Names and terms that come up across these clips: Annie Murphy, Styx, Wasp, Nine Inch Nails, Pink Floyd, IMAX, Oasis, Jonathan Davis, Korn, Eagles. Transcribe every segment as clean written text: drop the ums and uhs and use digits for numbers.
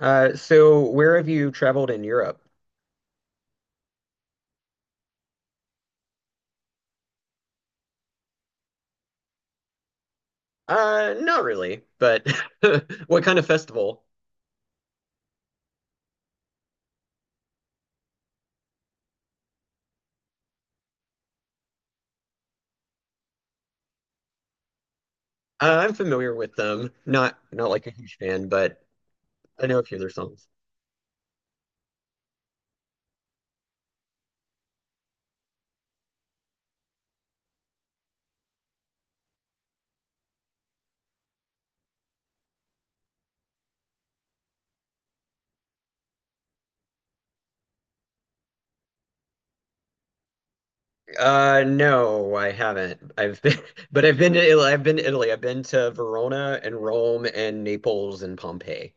So where have you traveled in Europe? Not really, but what kind of festival? I'm familiar with them. Not like a huge fan, but I know a few of their songs. No, I haven't. I've been, but I've been to Italy. I've been to Italy. I've been to Verona and Rome and Naples and Pompeii.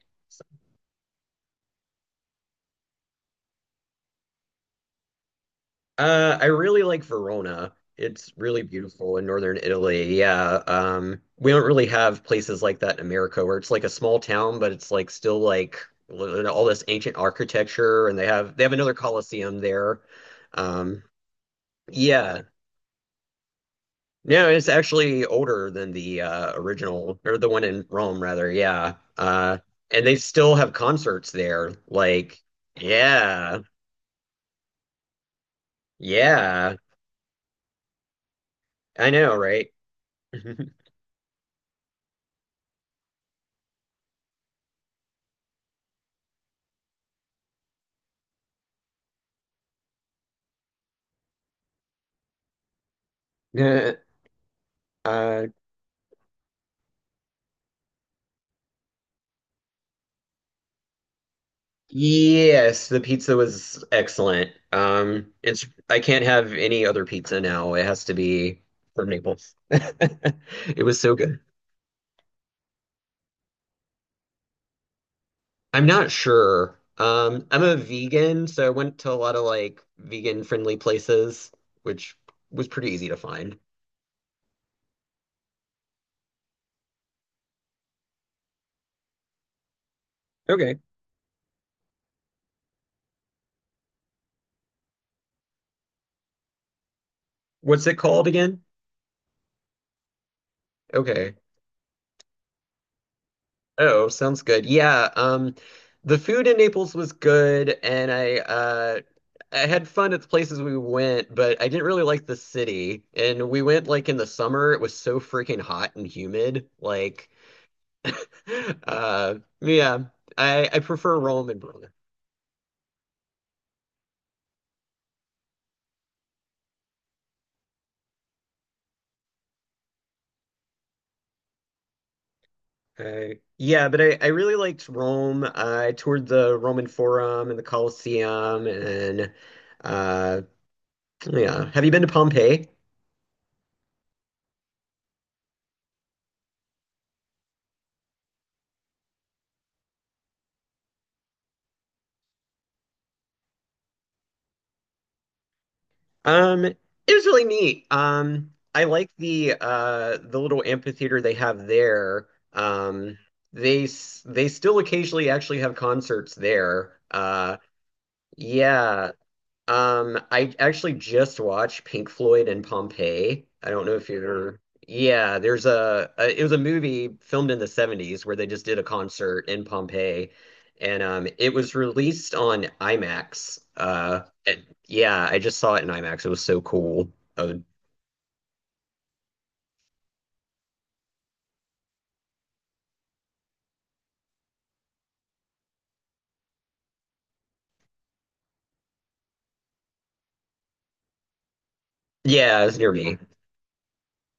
I really like Verona. It's really beautiful in northern Italy. Yeah. We don't really have places like that in America where it's like a small town, but it's like still like all this ancient architecture and they have another Colosseum there. Um, yeah. No, it's actually older than the original, or the one in Rome rather. Yeah. And they still have concerts there. Like, yeah. Yeah. I know, right? Uh, Yes, the pizza was excellent. It's I can't have any other pizza now. It has to be from Naples. It was so good. I'm not sure. I'm a vegan, so I went to a lot of like vegan friendly places, which was pretty easy to find. Okay. What's it called again? Okay. Oh, sounds good. Yeah, the food in Naples was good, and I had fun at the places we went, but I didn't really like the city. And we went like in the summer. It was so freaking hot and humid. Like, uh, yeah, I prefer Rome and Bologna. Yeah, but I really liked Rome. I toured the Roman Forum and the Colosseum, and uh, yeah. Have you been to Pompeii? It was really neat. I like the little amphitheater they have there. Um, they they still occasionally actually have concerts there. Yeah. I actually just watched Pink Floyd and Pompeii. I don't know if you're, yeah, there's a it was a movie filmed in the 70s where they just did a concert in Pompeii, and it was released on IMAX. Yeah, I just saw it in IMAX. It was so cool. Uh, yeah, it was near me.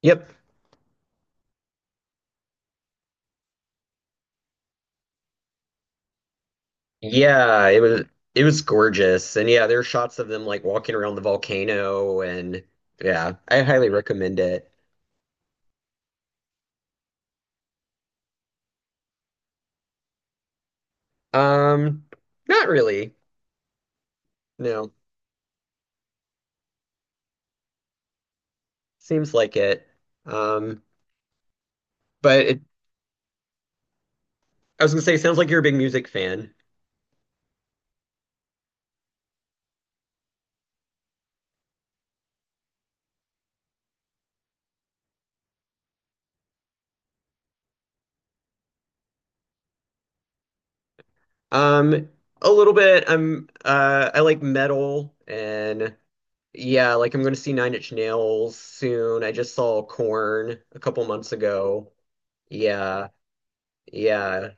Yep. Yeah, it was gorgeous. And yeah, there are shots of them like walking around the volcano, and yeah, I highly recommend it. Um, Not really. No, seems like it. Um, but it, I was gonna say, sounds like you're a big music fan. Um, a little bit. I'm I like metal, and yeah, like I'm gonna see Nine Inch Nails soon. I just saw Korn a couple months ago. Yeah, yeah.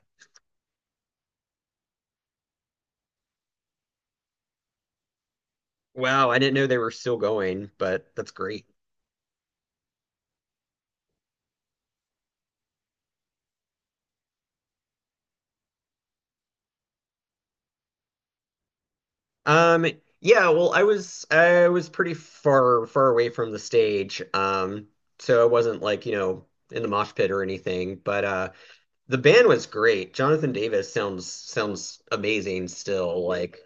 Wow, I didn't know they were still going, but that's great. Um, yeah, well, I was pretty far away from the stage. So I wasn't like, you know, in the mosh pit or anything, but the band was great. Jonathan Davis sounds amazing still. Like,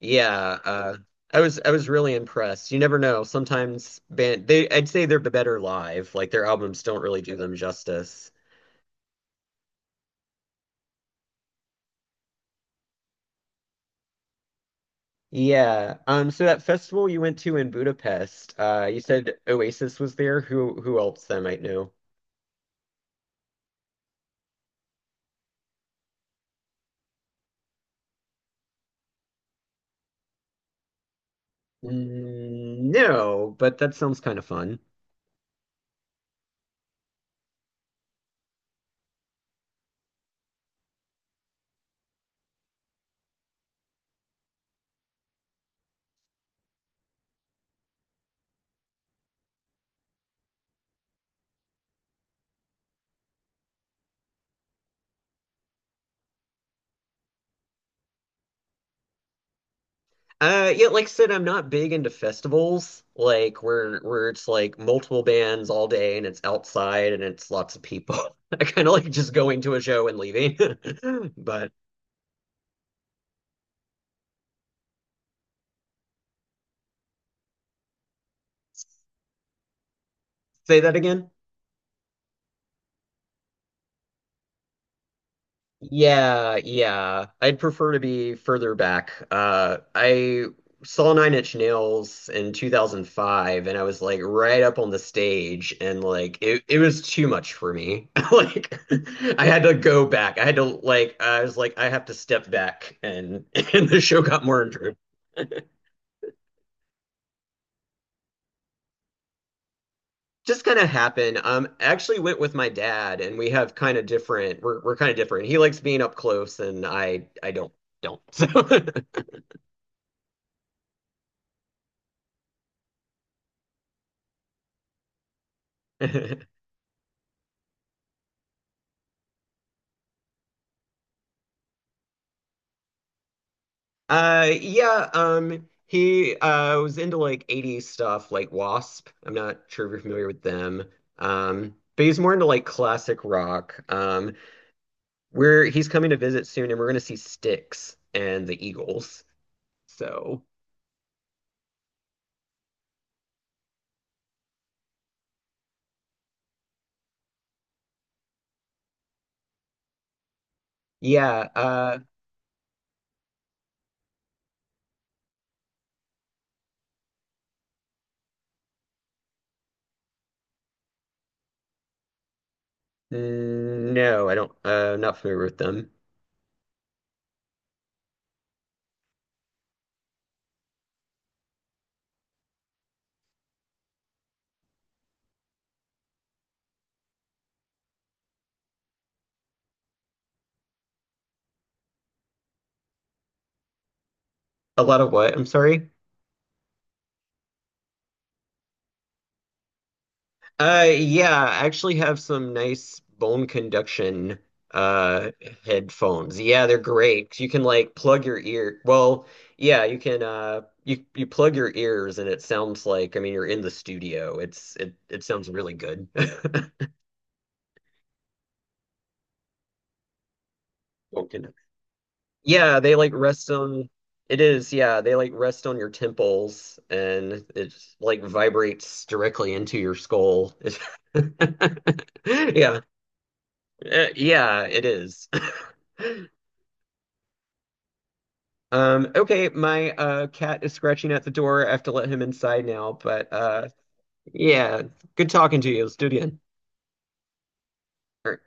yeah, I was really impressed. You never know. Sometimes band they I'd say they're better live. Like their albums don't really do them justice. Yeah. So that festival you went to in Budapest, you said Oasis was there. Who else that I might know? Mm, no, but that sounds kind of fun. Yeah, like I said, I'm not big into festivals, like where it's like multiple bands all day and it's outside and it's lots of people. I kind of like just going to a show and leaving. But say that again. Yeah, yeah. I'd prefer to be further back. I saw Nine Inch Nails in 2005, and I was like right up on the stage, and like it was too much for me. Like I had to go back. I had to like I was like I have to step back, and and the show got more interesting. Just kind of happened. I actually went with my dad, and we have kind of different we're kind of different. He likes being up close, and I don't. So Yeah, he was into like 80s stuff, like Wasp. I'm not sure if you're familiar with them. But he's more into like classic rock. We're he's coming to visit soon, and we're gonna see Styx and the Eagles. So yeah, no, I don't. Not familiar with them. A lot of what? I'm sorry. Yeah, I actually have some nice bone conduction uh headphones. Yeah, they're great. You can like plug your ear. Well, yeah, you can you plug your ears and it sounds like I mean you're in the studio. It it sounds really good. Bone conduction. Yeah, they like rest on it is, yeah, they like rest on your temples and it like vibrates directly into your skull. Yeah. Yeah, it is. Okay, my cat is scratching at the door. I have to let him inside now, but yeah, good talking to you. Let's do it again. All right.